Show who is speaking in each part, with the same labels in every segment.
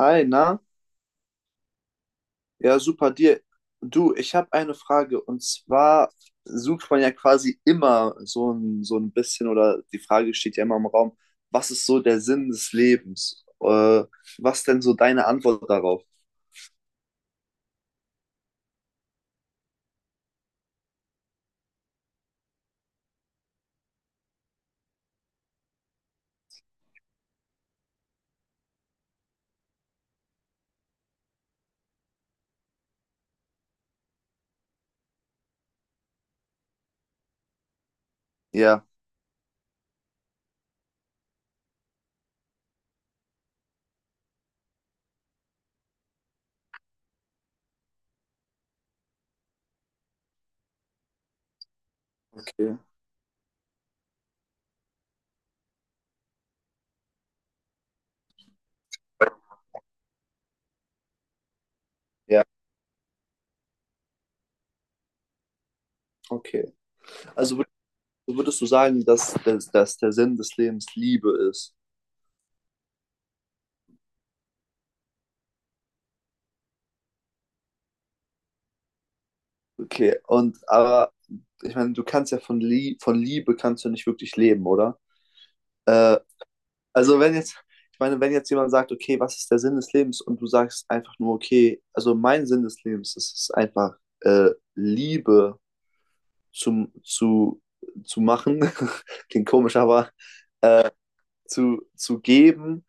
Speaker 1: Hi, na? Ja, super dir. Du, ich habe eine Frage und zwar sucht man ja quasi immer so ein bisschen oder die Frage steht ja immer im Raum, was ist so der Sinn des Lebens? Was denn so deine Antwort darauf? Ja, okay. Ja, okay. Also würdest du sagen, dass der Sinn des Lebens Liebe ist? Okay, und aber ich meine, du kannst ja von Liebe kannst du nicht wirklich leben, oder? Äh, Also wenn jetzt, ich meine, wenn jetzt jemand sagt, okay, was ist der Sinn des Lebens? Und du sagst einfach nur, okay, also mein Sinn des Lebens ist es einfach, Liebe zum, zu, zu machen, klingt komisch, aber zu geben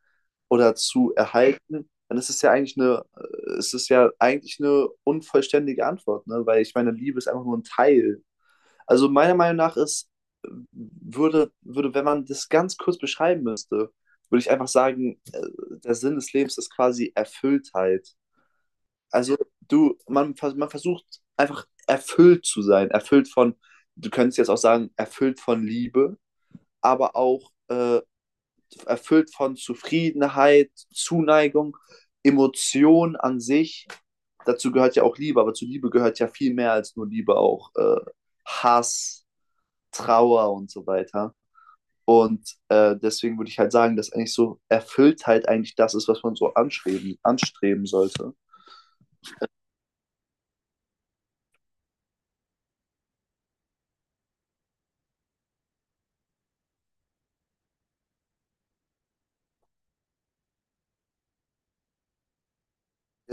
Speaker 1: oder zu erhalten, dann ist es ja eigentlich eine unvollständige Antwort, ne? Weil ich meine, Liebe ist einfach nur ein Teil. Also meiner Meinung nach wenn man das ganz kurz beschreiben müsste, würde ich einfach sagen, der Sinn des Lebens ist quasi Erfülltheit. Also man versucht einfach erfüllt zu sein, erfüllt von, du könntest jetzt auch sagen, erfüllt von Liebe, aber auch erfüllt von Zufriedenheit, Zuneigung, Emotion an sich. Dazu gehört ja auch Liebe, aber zu Liebe gehört ja viel mehr als nur Liebe, auch Hass, Trauer und so weiter. Und deswegen würde ich halt sagen, dass eigentlich so Erfülltheit eigentlich das ist, was man so anstreben sollte.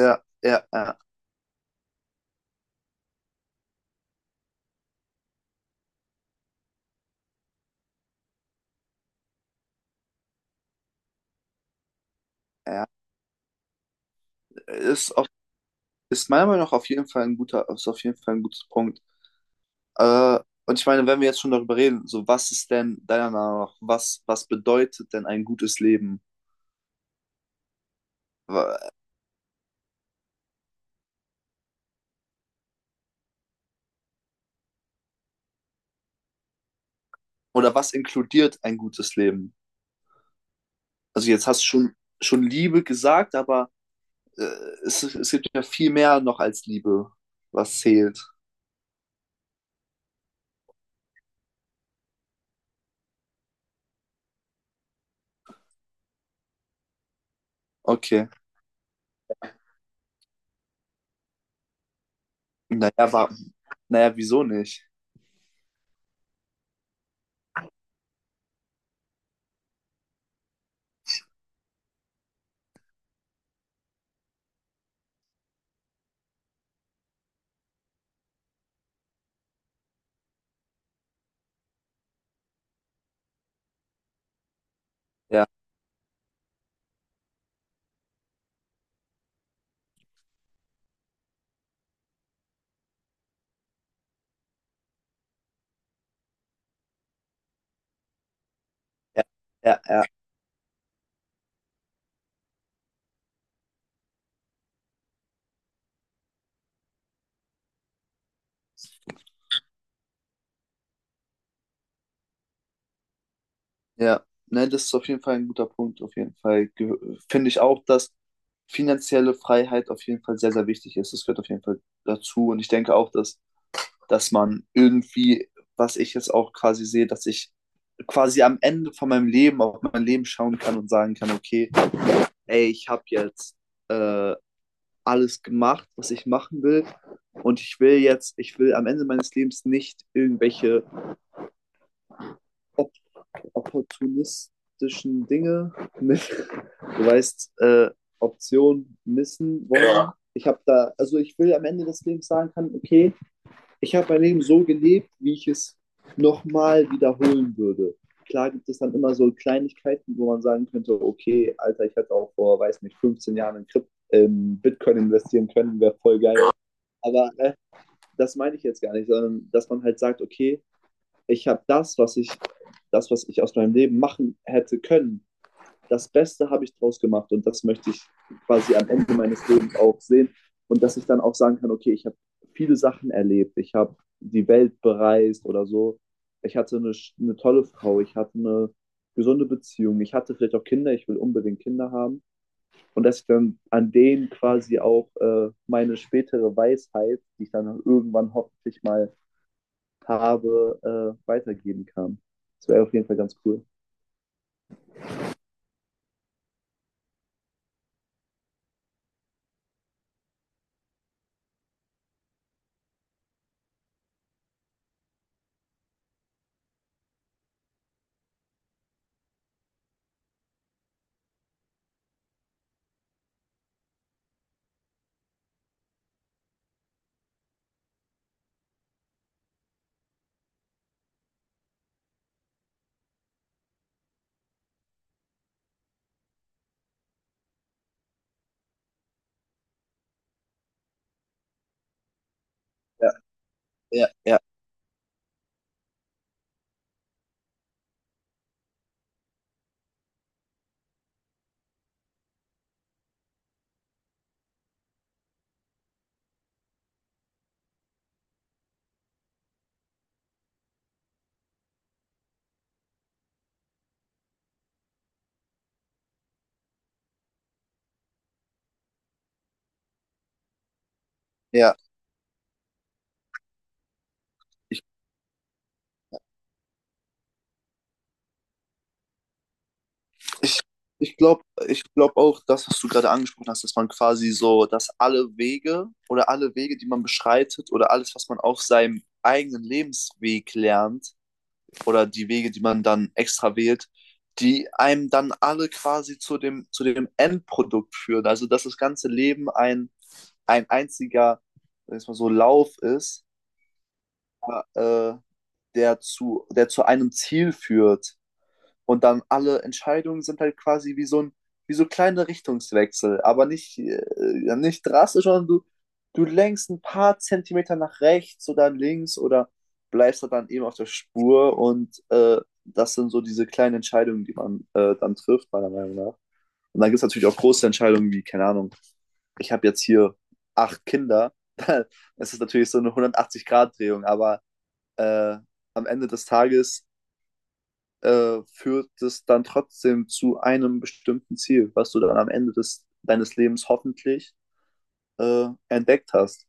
Speaker 1: Ja, ja, ja, ja. Ist, auf, ist meiner Meinung nach auf jeden Fall ein guter Punkt. Äh, und ich meine, wenn wir jetzt schon darüber reden, so was ist denn deiner Meinung nach, was bedeutet denn ein gutes Leben? Wa- Oder was inkludiert ein gutes Leben? Also jetzt hast du schon Liebe gesagt, aber äh, es gibt ja viel mehr noch als Liebe, was zählt. Okay. Naja, war, naja, wieso nicht? Ja, ja, ja, ja, ja. Ne, das ist auf jeden Fall ein guter Punkt. Auf jeden Fall finde ich auch, dass finanzielle Freiheit auf jeden Fall sehr, sehr wichtig ist. Das gehört auf jeden Fall dazu. Und ich denke auch, dass man irgendwie, was ich jetzt auch quasi sehe, dass ich quasi am Ende von meinem Leben auf mein Leben schauen kann und sagen kann, okay, ey, ich habe jetzt äh, alles gemacht, was ich machen will. Und ich will am Ende meines Lebens nicht irgendwelche op opportunistischen Dinge mit, du weißt, Option missen wollen. Ja. Also ich will am Ende des Lebens sagen kann, okay, ich habe mein Leben so gelebt, wie ich es nochmal wiederholen würde. Klar gibt es dann immer so Kleinigkeiten, wo man sagen könnte, okay, Alter, ich hätte auch vor, weiß nicht, 15 Jahren in Bitcoin investieren können, wäre voll geil. Aber das meine ich jetzt gar nicht, sondern dass man halt sagt, okay, ich habe das, was ich aus meinem Leben machen hätte können, das Beste habe ich draus gemacht und das möchte ich quasi am Ende meines Lebens auch sehen und dass ich dann auch sagen kann, okay, ich habe viele Sachen erlebt, ich habe die Welt bereist oder so, ich hatte eine tolle Frau, ich hatte eine gesunde Beziehung, ich hatte vielleicht auch Kinder, ich will unbedingt Kinder haben und dass ich dann an denen quasi auch meine spätere Weisheit, die ich dann irgendwann hoffentlich mal habe, weitergeben kann. Das wäre auf jeden Fall ganz cool. Ja, ja, ja, ja. Ich, ich, ich glaub auch, das, was du gerade angesprochen hast, dass man quasi so, dass alle Wege oder alle Wege, die man beschreitet oder alles, was man auf seinem eigenen Lebensweg lernt oder die Wege, die man dann extra wählt, die einem dann alle quasi zu dem Endprodukt führen. Also, dass das ganze Leben ein einziger, sag ich mal so, Lauf ist äh, der zu einem Ziel führt. Und dann alle Entscheidungen sind halt quasi wie so kleine Richtungswechsel, aber nicht drastisch, sondern du lenkst ein paar Zentimeter nach rechts oder links oder bleibst halt dann eben auf der Spur und das sind so diese kleinen Entscheidungen, die man dann trifft, meiner Meinung nach. Und dann gibt es natürlich auch große Entscheidungen wie, keine Ahnung, ich habe jetzt hier acht Kinder. Das ist natürlich so eine 180-Grad-Drehung, aber äh, am Ende des Tages führt es dann trotzdem zu einem bestimmten Ziel, was du dann am Ende deines Lebens hoffentlich entdeckt hast.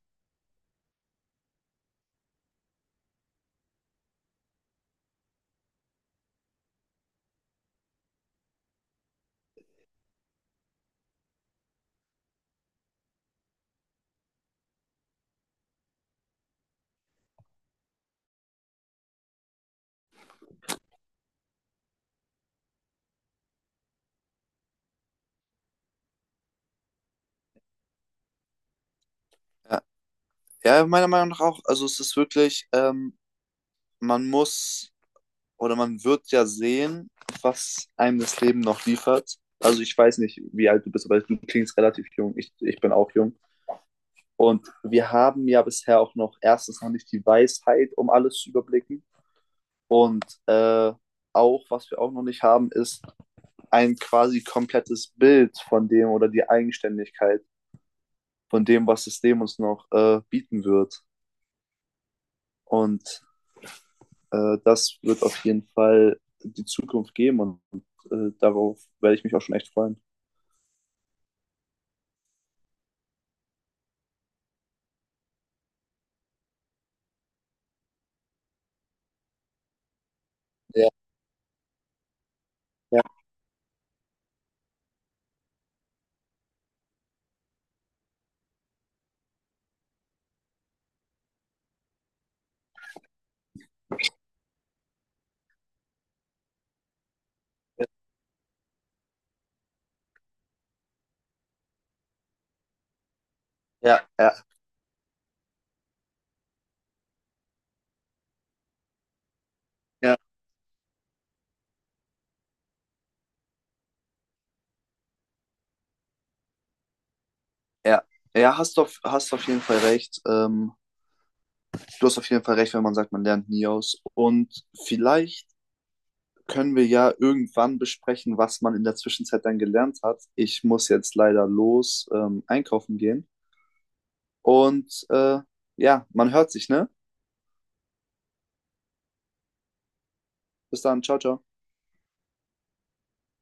Speaker 1: Ja, ja, meiner Meinung nach auch. Also es ist wirklich, man muss oder man wird ja sehen, was einem das Leben noch liefert. Also ich weiß nicht, wie alt du bist, aber du klingst relativ jung. Ich bin auch jung. Und wir haben ja bisher auch noch erstens noch nicht die Weisheit, um alles zu überblicken. Und auch, was wir auch noch nicht haben, ist ein quasi komplettes Bild von dem oder die Eigenständigkeit von dem, was das System uns noch bieten wird. Und das wird auf jeden Fall die Zukunft geben und darauf werde ich mich auch schon echt freuen. Ja, ja, ja, ja, ja, ja. Ja, hast auf jeden Fall recht. Du hast auf jeden Fall recht, wenn man sagt, man lernt nie aus. Und vielleicht können wir ja irgendwann besprechen, was man in der Zwischenzeit dann gelernt hat. Ich muss jetzt leider los, einkaufen gehen. Und ja, man hört sich, ne? Bis dann, ciao, ciao.